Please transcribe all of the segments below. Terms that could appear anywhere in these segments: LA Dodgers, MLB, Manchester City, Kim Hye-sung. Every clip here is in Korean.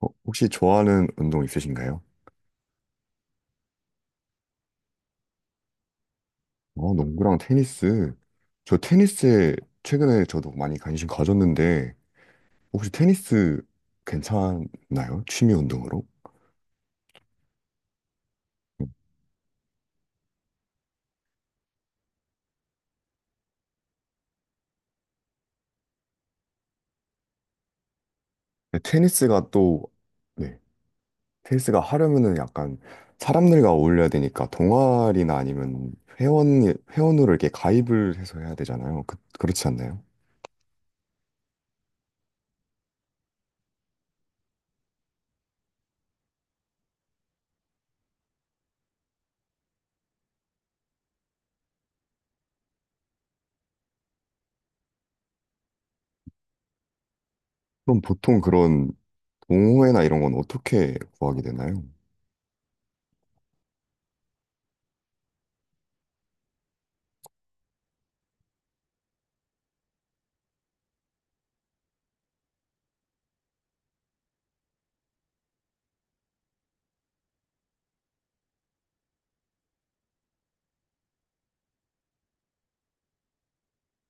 혹시 좋아하는 운동 있으신가요? 농구랑 테니스. 저 테니스에 최근에 저도 많이 관심 가졌는데, 혹시 테니스 괜찮나요? 취미 운동으로? 음. 네, 테니스가 또, 네, 테니스가 하려면은 약간 사람들과 어울려야 되니까 동아리나 아니면 회원, 회원으로 이렇게 가입을 해서 해야 되잖아요. 그, 그렇지 않나요? 그럼 보통 그런 동호회나 이런 건 어떻게 구하게 되나요?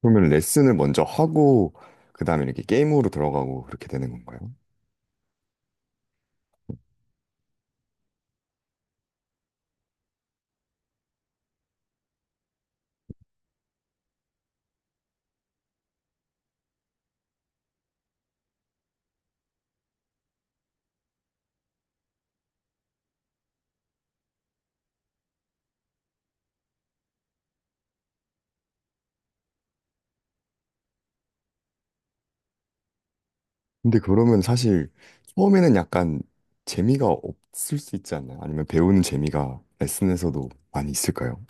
그러면 레슨을 먼저 하고 그다음에 이렇게 게임으로 들어가고 그렇게 되는 건가요? 근데 그러면 사실 처음에는 약간 재미가 없을 수 있지 않나요? 아니면 배우는 재미가 레슨에서도 많이 있을까요?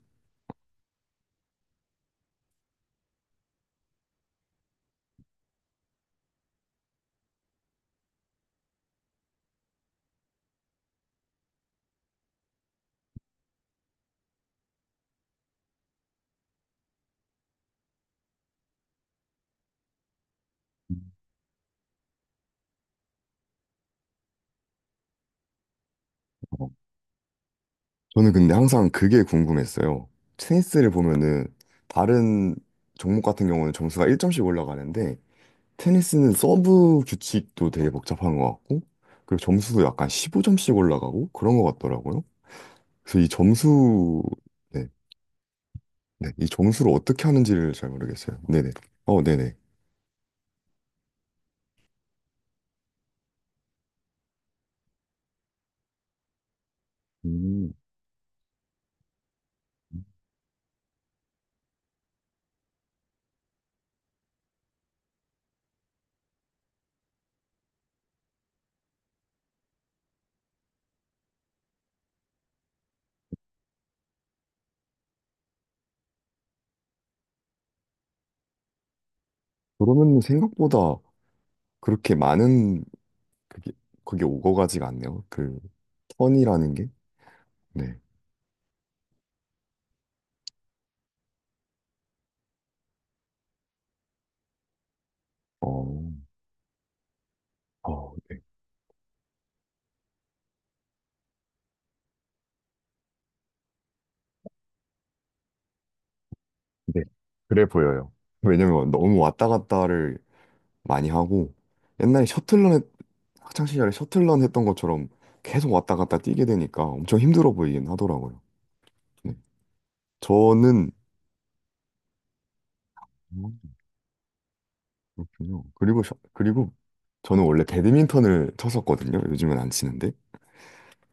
어, 저는 근데 항상 그게 궁금했어요. 테니스를 보면은 다른 종목 같은 경우는 점수가 1점씩 올라가는데 테니스는 서브 규칙도 되게 복잡한 것 같고 그리고 점수도 약간 15점씩 올라가고 그런 것 같더라고요. 그래서 이 점수. 네. 네, 이 점수를 어떻게 하는지를 잘 모르겠어요. 네네. 네네. 음. 그러면 생각보다 그렇게 많은 그게 그게 오거가지가 않네요. 그 턴이라는 게. 네. 어, 네. 네. 그래 보여요. 왜냐면 너무 왔다 갔다를 많이 하고 옛날에 셔틀런 했- 학창 시절에 셔틀런 했던 것처럼 계속 왔다 갔다 뛰게 되니까 엄청 힘들어 보이긴 하더라고요. 네. 저는 그렇군요. 그리고 저는 원래 배드민턴을 쳤었거든요. 요즘은 안 치는데.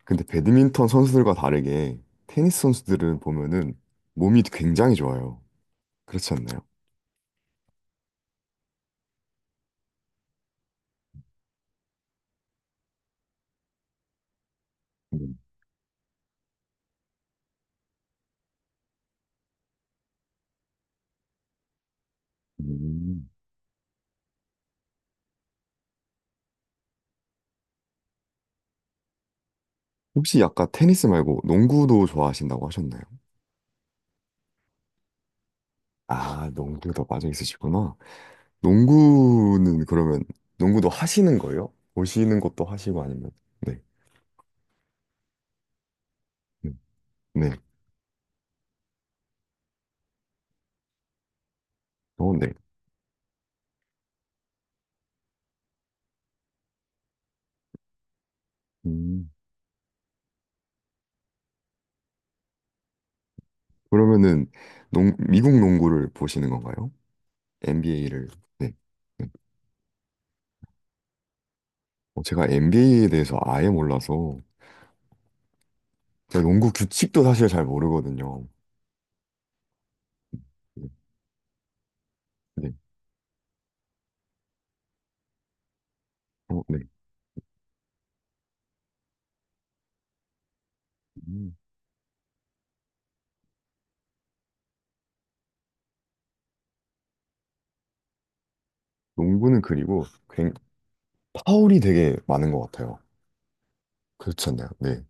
근데 배드민턴 선수들과 다르게 테니스 선수들은 보면은 몸이 굉장히 좋아요. 그렇지 않나요? 음. 음. 혹시 아까 테니스 말고 농구도 좋아하신다고 하셨나요? 아, 농구도 빠져 있으시구나. 농구는 그러면 농구도 하시는 거예요? 보시는 것도 하시고 아니면. 네. 음, 네. 어, 네. 음. 그러면은 미국 농구를 보시는 건가요? NBA를. 네. 네. 어, 제가 NBA에 대해서 아예 몰라서 제가 농구 규칙도 사실 잘 모르거든요. 네. 네. 어, 네. 음. 농구는 그리고 굉 파울이 되게 많은 것 같아요. 그렇지 않나요? 네.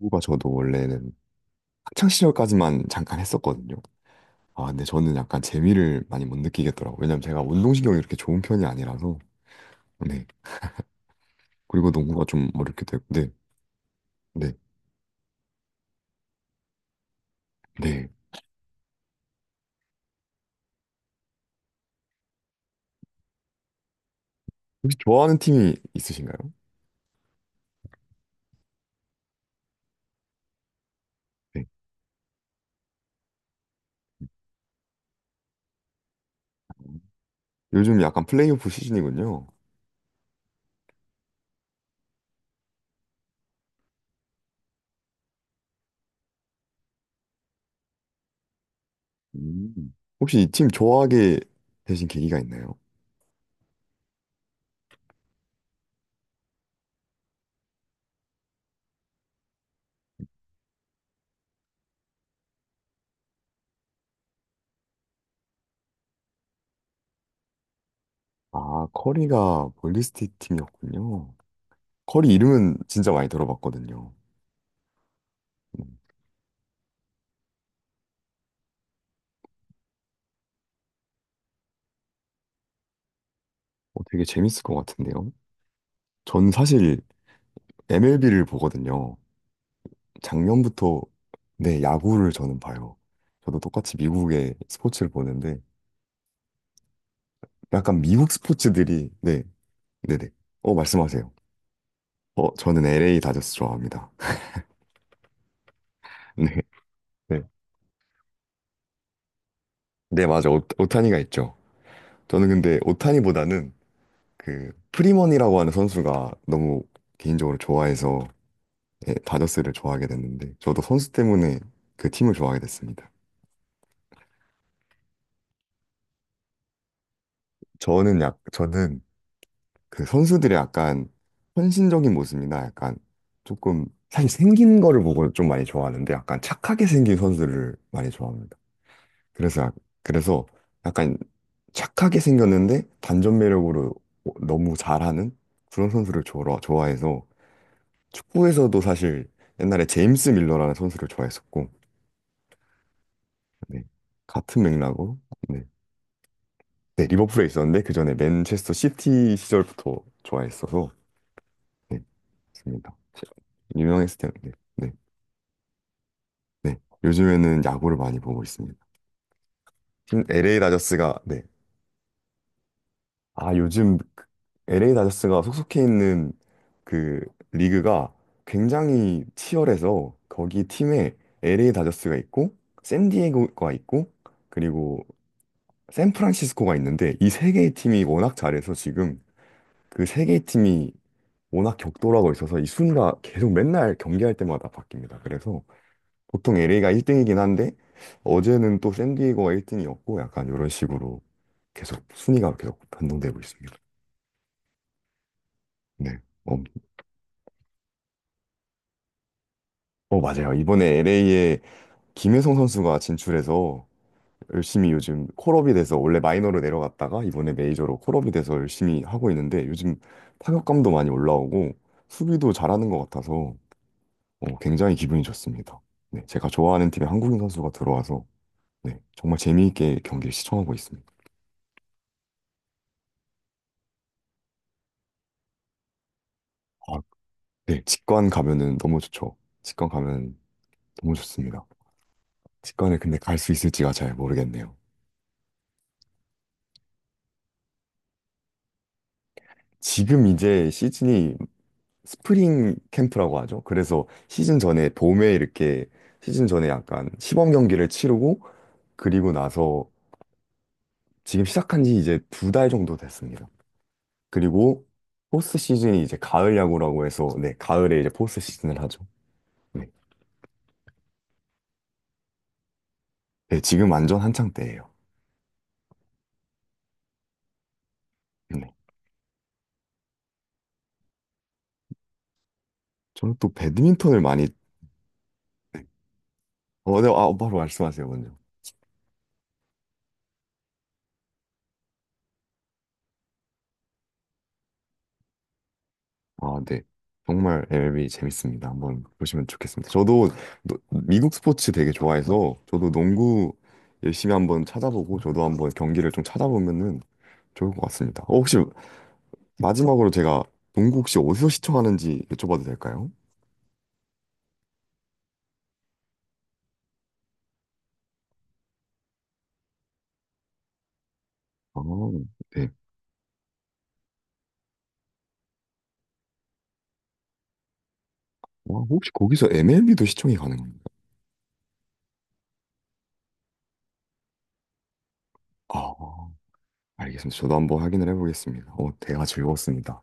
농구가 저도 원래는 학창 시절까지만 잠깐 했었거든요. 아, 근데 저는 약간 재미를 많이 못 느끼겠더라고요. 왜냐면 제가 운동신경이 이렇게 좋은 편이 아니라서. 네. 그리고 농구가 좀 어렵게 되고. 네. 네. 네. 혹시 좋아하는 팀이 있으신가요? 네. 요즘 약간 플레이오프 시즌이군요. 음. 혹시 이 팀 좋아하게 되신 계기가 있나요? 아, 커리가 볼리스틱 팀이었군요. 커리 이름은 진짜 많이 들어봤거든요. 음. 어, 되게 재밌을 것 같은데요. 전 사실 MLB를 보거든요. 작년부터. 네, 야구를 저는 봐요. 저도 똑같이 미국의 스포츠를 보는데 약간 미국 스포츠들이. 네, 네네. 어, 말씀하세요. 어, 저는 LA 다저스 좋아합니다. 네, 네. 네, 맞아. 오타니가 있죠. 저는 근데 오타니보다는 그 프리먼이라고 하는 선수가 너무 개인적으로 좋아해서, 예, 다저스를 좋아하게 됐는데 저도 선수 때문에 그 팀을 좋아하게 됐습니다. 저는 그 선수들의 약간 헌신적인 모습이나 약간 조금 사실 생긴 거를 보고 좀 많이 좋아하는데 약간 착하게 생긴 선수를 많이 좋아합니다. 그래서 약- 그래서 약간 착하게 생겼는데 반전 매력으로 너무 잘하는 그런 선수를 좋아해서 축구에서도 사실 옛날에 제임스 밀러라는 선수를 좋아했었고, 네. 같은 맥락으로. 네, 네, 리버풀에 있었는데, 그 전에 맨체스터 시티 시절부터 좋아했어서, 네, 맞습니다. 유명했을 때는, 네, 네, 네. 요즘에는 야구를 많이 보고 있습니다. 지금 LA 다저스가, 네. 아, 요즘 그 LA 다저스가 속속해 있는 그 리그가 굉장히 치열해서, 거기 팀에 LA 다저스가 있고, 샌디에고가 있고, 그리고 샌프란시스코가 있는데 이 세 개의 팀이 워낙 잘해서 지금 그 세 개의 팀이 워낙 격돌하고 있어서 이 순위가 계속 맨날 경기할 때마다 바뀝니다. 그래서 보통 LA가 1등이긴 한데 어제는 또 샌디에이고가 1등이었고 약간 이런 식으로 계속 순위가 계속 변동되고 있습니다. 네. 어, 맞아요. 이번에 LA에 김혜성 선수가 진출해서 열심히 요즘 콜업이 돼서 원래 마이너로 내려갔다가 이번에 메이저로 콜업이 돼서 열심히 하고 있는데 요즘 타격감도 많이 올라오고 수비도 잘하는 것 같아서, 어, 굉장히 기분이 좋습니다. 네, 제가 좋아하는 팀에 한국인 선수가 들어와서, 네, 정말 재미있게 경기를 시청하고 있습니다. 아, 네, 직관 가면은 너무 좋죠. 직관 가면 너무 좋습니다. 직관에 근데 갈 수 있을지가 잘 모르겠네요. 지금 이제 시즌이 스프링 캠프라고 하죠. 그래서 시즌 전에 봄에 이렇게 시즌 전에 약간 시범 경기를 치르고 그리고 나서 지금 시작한 지 이제 두 달 정도 됐습니다. 그리고 포스트 시즌이 이제 가을 야구라고 해서, 네, 가을에 이제 포스트 시즌을 하죠. 네. 네, 지금 완전 한창 때예요. 네. 저는 또 배드민턴을 많이. 네, 아, 바로 말씀하세요, 먼저. 아, 네. 정말 MLB 재밌습니다. 한번 보시면 좋겠습니다. 저도 미국 스포츠 되게 좋아해서 저도 농구 열심히 한번 찾아보고 저도 한번 경기를 좀 찾아보면은 좋을 것 같습니다. 어, 혹시 마지막으로 제가 농구 혹시 어디서 시청하는지 여쭤봐도 될까요? 아, 네. 와, 혹시 거기서 MLB도 시청이 가능한가요? 아, 알겠습니다. 저도 한번 확인을 해보겠습니다. 어, 대화 즐거웠습니다.